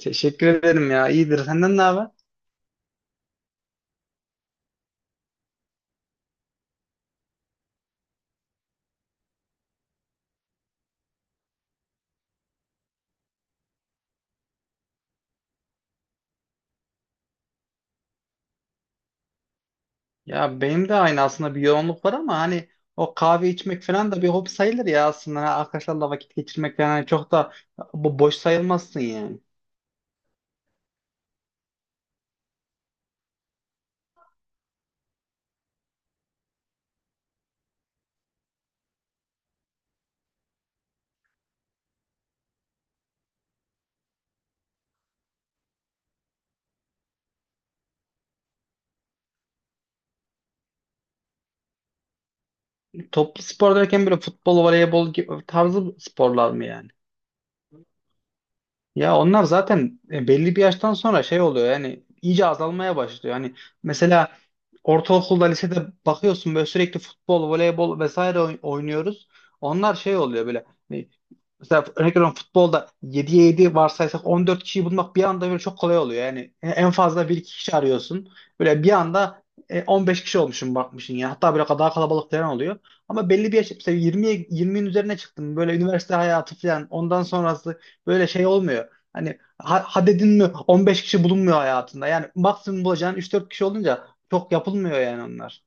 Teşekkür ederim ya. İyidir. Senden ne haber? Ya benim de aynı aslında bir yoğunluk var ama hani o kahve içmek falan da bir hobi sayılır ya aslında. Ha, arkadaşlarla vakit geçirmek falan hani çok da bu boş sayılmazsın yani. Toplu spor derken böyle futbol, voleybol gibi tarzı sporlar mı yani? Ya onlar zaten belli bir yaştan sonra şey oluyor yani iyice azalmaya başlıyor. Hani mesela ortaokulda lisede bakıyorsun böyle sürekli futbol, voleybol vesaire oynuyoruz. Onlar şey oluyor böyle hani mesela örnek veriyorum futbolda 7'ye 7 varsaysak 14 kişiyi bulmak bir anda böyle çok kolay oluyor. Yani en fazla bir iki kişi arıyorsun. Böyle bir anda 15 kişi olmuşsun bakmışsın ya. Hatta böyle daha kalabalık falan oluyor. Ama belli bir yaş mesela 20'ye yirmi'nin üzerine çıktın. Böyle üniversite hayatı falan ondan sonrası böyle şey olmuyor. Hani hadedin mi 15 kişi bulunmuyor hayatında. Yani maksimum bulacağın üç dört kişi olunca çok yapılmıyor yani onlar.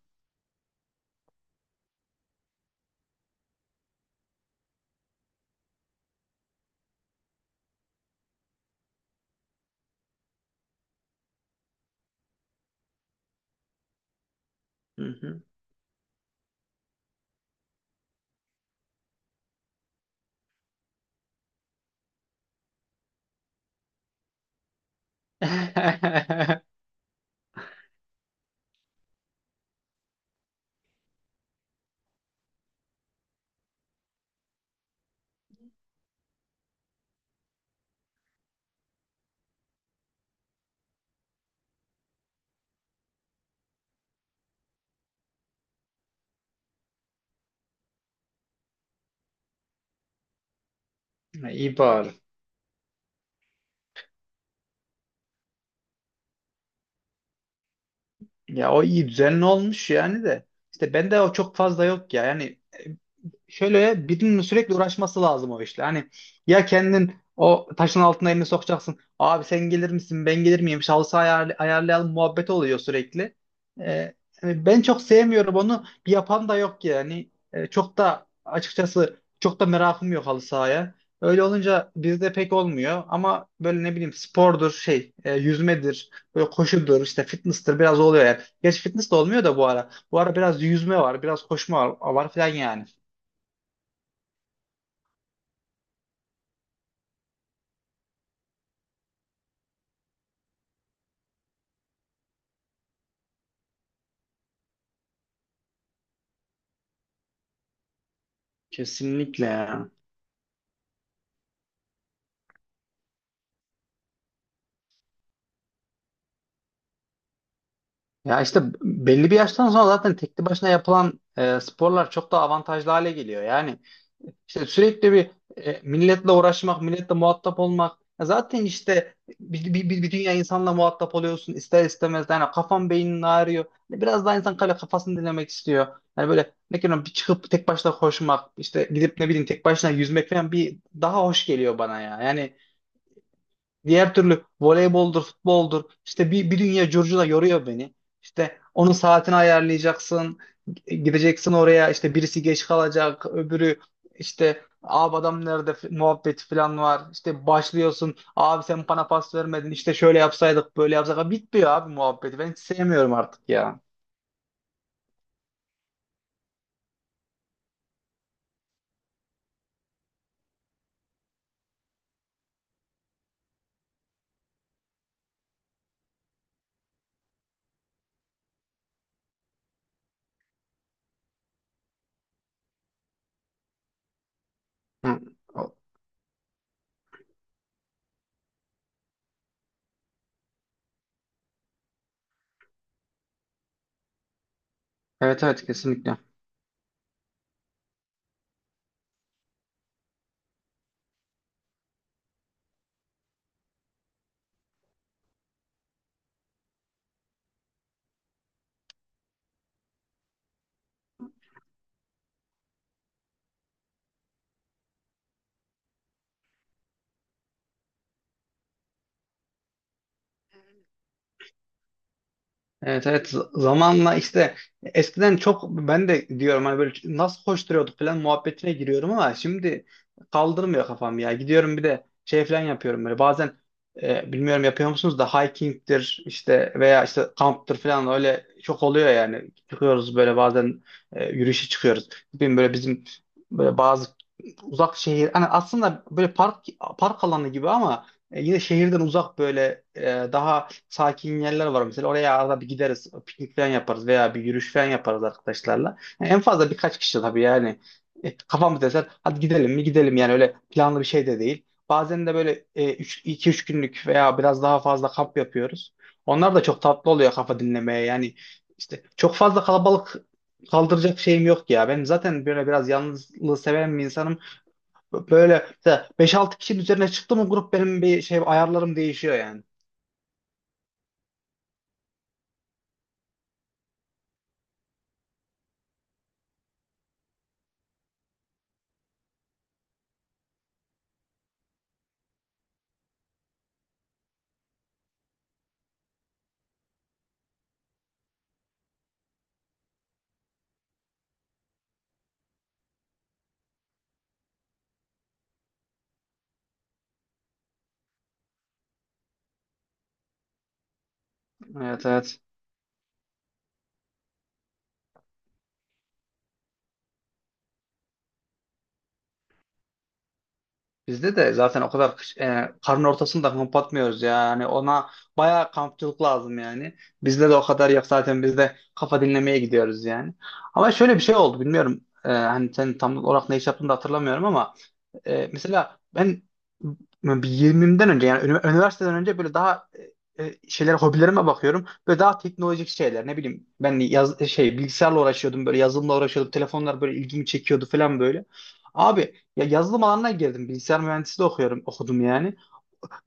Hı hı. İyi bari. Ya o iyi düzenli olmuş yani de. İşte bende o çok fazla yok ya. Yani şöyle birinin sürekli uğraşması lazım o işle. Hani ya kendin o taşın altına elini sokacaksın. Abi sen gelir misin? Ben gelir miyim? Şahsı ayarlayalım muhabbet oluyor sürekli. Ee, Hani ben çok sevmiyorum onu. Bir yapan da yok yani. Çok da açıkçası çok da merakım yok halı sahaya. Öyle olunca bizde pek olmuyor ama böyle ne bileyim spordur şey yüzmedir böyle koşudur işte fitness'tır biraz oluyor yani. Gerçi fitness de olmuyor da bu ara. Bu ara biraz yüzme var, biraz koşma var, var falan yani. Kesinlikle ya. Ya işte belli bir yaştan sonra zaten tekli başına yapılan sporlar çok daha avantajlı hale geliyor. Yani işte sürekli bir milletle uğraşmak, milletle muhatap olmak. Ya zaten işte bir dünya insanla muhatap oluyorsun ister istemez. Yani kafan beynin ağrıyor. Yani biraz daha insan kale kafasını dinlemek istiyor. Yani böyle ne bileyim bir çıkıp tek başına koşmak, işte gidip ne bileyim tek başına yüzmek falan bir daha hoş geliyor bana ya. Yani diğer türlü voleyboldur, futboldur. İşte bir dünya curcuna yoruyor beni. İşte onun saatini ayarlayacaksın. Gideceksin oraya işte birisi geç kalacak. Öbürü işte abi adam nerede muhabbeti falan var. İşte başlıyorsun. Abi sen bana pas vermedin. İşte şöyle yapsaydık böyle yapsak. Bitmiyor abi muhabbeti. Ben hiç sevmiyorum artık ya. Hı. Evet evet kesinlikle. Evet evet zamanla işte eskiden çok ben de diyorum hani böyle nasıl koşturuyorduk falan muhabbetine giriyorum ama şimdi kaldırmıyor kafam ya. Gidiyorum bir de şey falan yapıyorum böyle bazen bilmiyorum yapıyor musunuz da hiking'tir işte veya işte kamptır falan öyle çok oluyor yani. Çıkıyoruz böyle bazen yürüyüşe çıkıyoruz. Bilmiyorum böyle bizim böyle bazı uzak şehir hani aslında böyle park alanı gibi ama yine şehirden uzak böyle daha sakin yerler var mesela. Oraya arada bir gideriz. Piknik falan yaparız veya bir yürüyüş falan yaparız arkadaşlarla. Yani en fazla birkaç kişi tabii yani. Kafamız eser. Hadi gidelim mi gidelim yani öyle planlı bir şey de değil. Bazen de böyle iki üç günlük veya biraz daha fazla kamp yapıyoruz. Onlar da çok tatlı oluyor kafa dinlemeye. Yani işte çok fazla kalabalık kaldıracak şeyim yok ya. Ben zaten böyle biraz yalnızlığı seven bir insanım. Böyle mesela 5-6 kişinin üzerine çıktı mı grup benim bir şey ayarlarım değişiyor yani. Evet evet. Bizde de zaten o kadar karın ortasında kamp atmıyoruz ya. Yani ona bayağı kampçılık lazım yani. Bizde de o kadar yok zaten biz de kafa dinlemeye gidiyoruz yani. Ama şöyle bir şey oldu bilmiyorum hani sen tam olarak ne iş yaptığını da hatırlamıyorum ama mesela ben bir 20'den önce yani üniversiteden önce böyle daha şeylere hobilerime bakıyorum. Böyle daha teknolojik şeyler ne bileyim ben şey bilgisayarla uğraşıyordum böyle yazılımla uğraşıyordum. Telefonlar böyle ilgimi çekiyordu falan böyle. Abi ya yazılım alanına girdim. Bilgisayar mühendisliği de okuyorum okudum yani.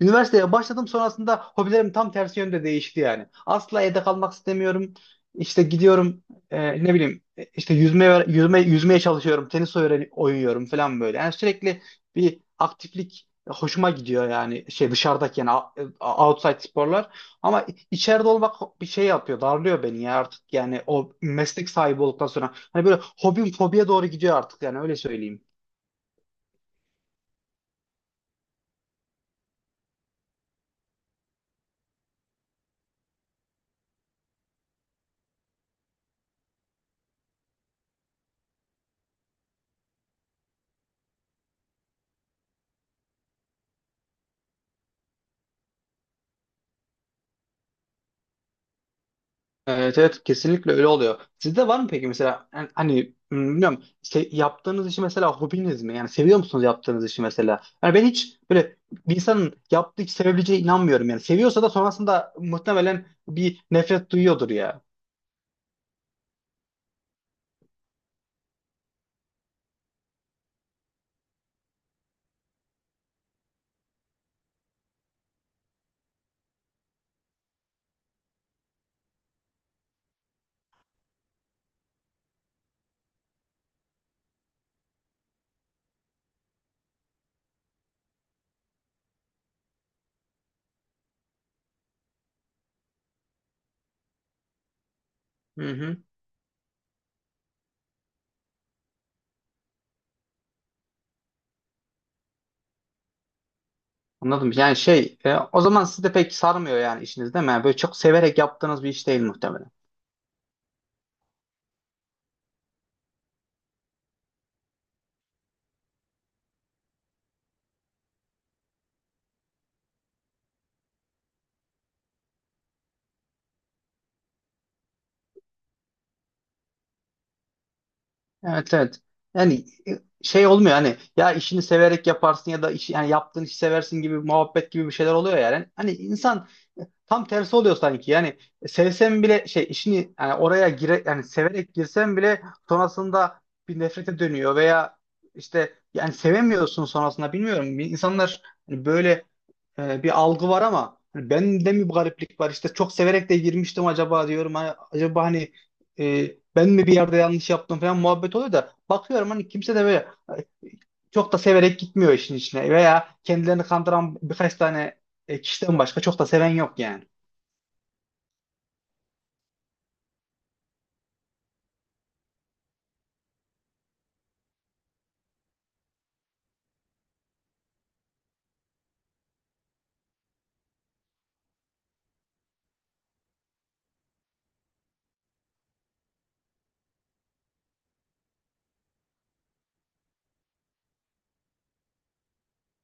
Üniversiteye başladım sonrasında hobilerim tam tersi yönde değişti yani. Asla evde kalmak istemiyorum. İşte gidiyorum ne bileyim işte yüzmeye çalışıyorum. Tenis öğren oynuyorum falan böyle. Yani sürekli bir aktiflik hoşuma gidiyor yani şey dışarıdaki yani outside sporlar ama içeride olmak bir şey yapıyor darlıyor beni ya artık yani o meslek sahibi olduktan sonra hani böyle hobim fobiye doğru gidiyor artık yani öyle söyleyeyim. Evet evet kesinlikle öyle oluyor. Sizde var mı peki mesela yani hani bilmiyorum yaptığınız işi mesela hobiniz mi? Yani seviyor musunuz yaptığınız işi mesela? Yani ben hiç böyle bir insanın yaptığı işi sevebileceğine inanmıyorum yani. Seviyorsa da sonrasında muhtemelen bir nefret duyuyordur ya. Hı hı. Anladım. Yani şey o zaman sizi de pek sarmıyor yani işiniz değil mi? Yani böyle çok severek yaptığınız bir iş değil muhtemelen. Evet evet. Yani şey olmuyor hani ya işini severek yaparsın ya da iş, yani yaptığın işi seversin gibi muhabbet gibi bir şeyler oluyor yani. Hani insan tam tersi oluyor sanki. Yani sevsem bile şey işini yani oraya gire yani severek girsem bile sonrasında bir nefrete dönüyor veya işte yani sevemiyorsun sonrasında bilmiyorum. Bir İnsanlar hani böyle bir algı var ama hani bende mi bu gariplik var? İşte çok severek de girmiştim acaba diyorum. Hani acaba hani e, ben mi bir yerde yanlış yaptım falan muhabbet oluyor da bakıyorum hani kimse de böyle e, çok da severek gitmiyor işin içine veya kendilerini kandıran birkaç tane kişiden başka çok da seven yok yani.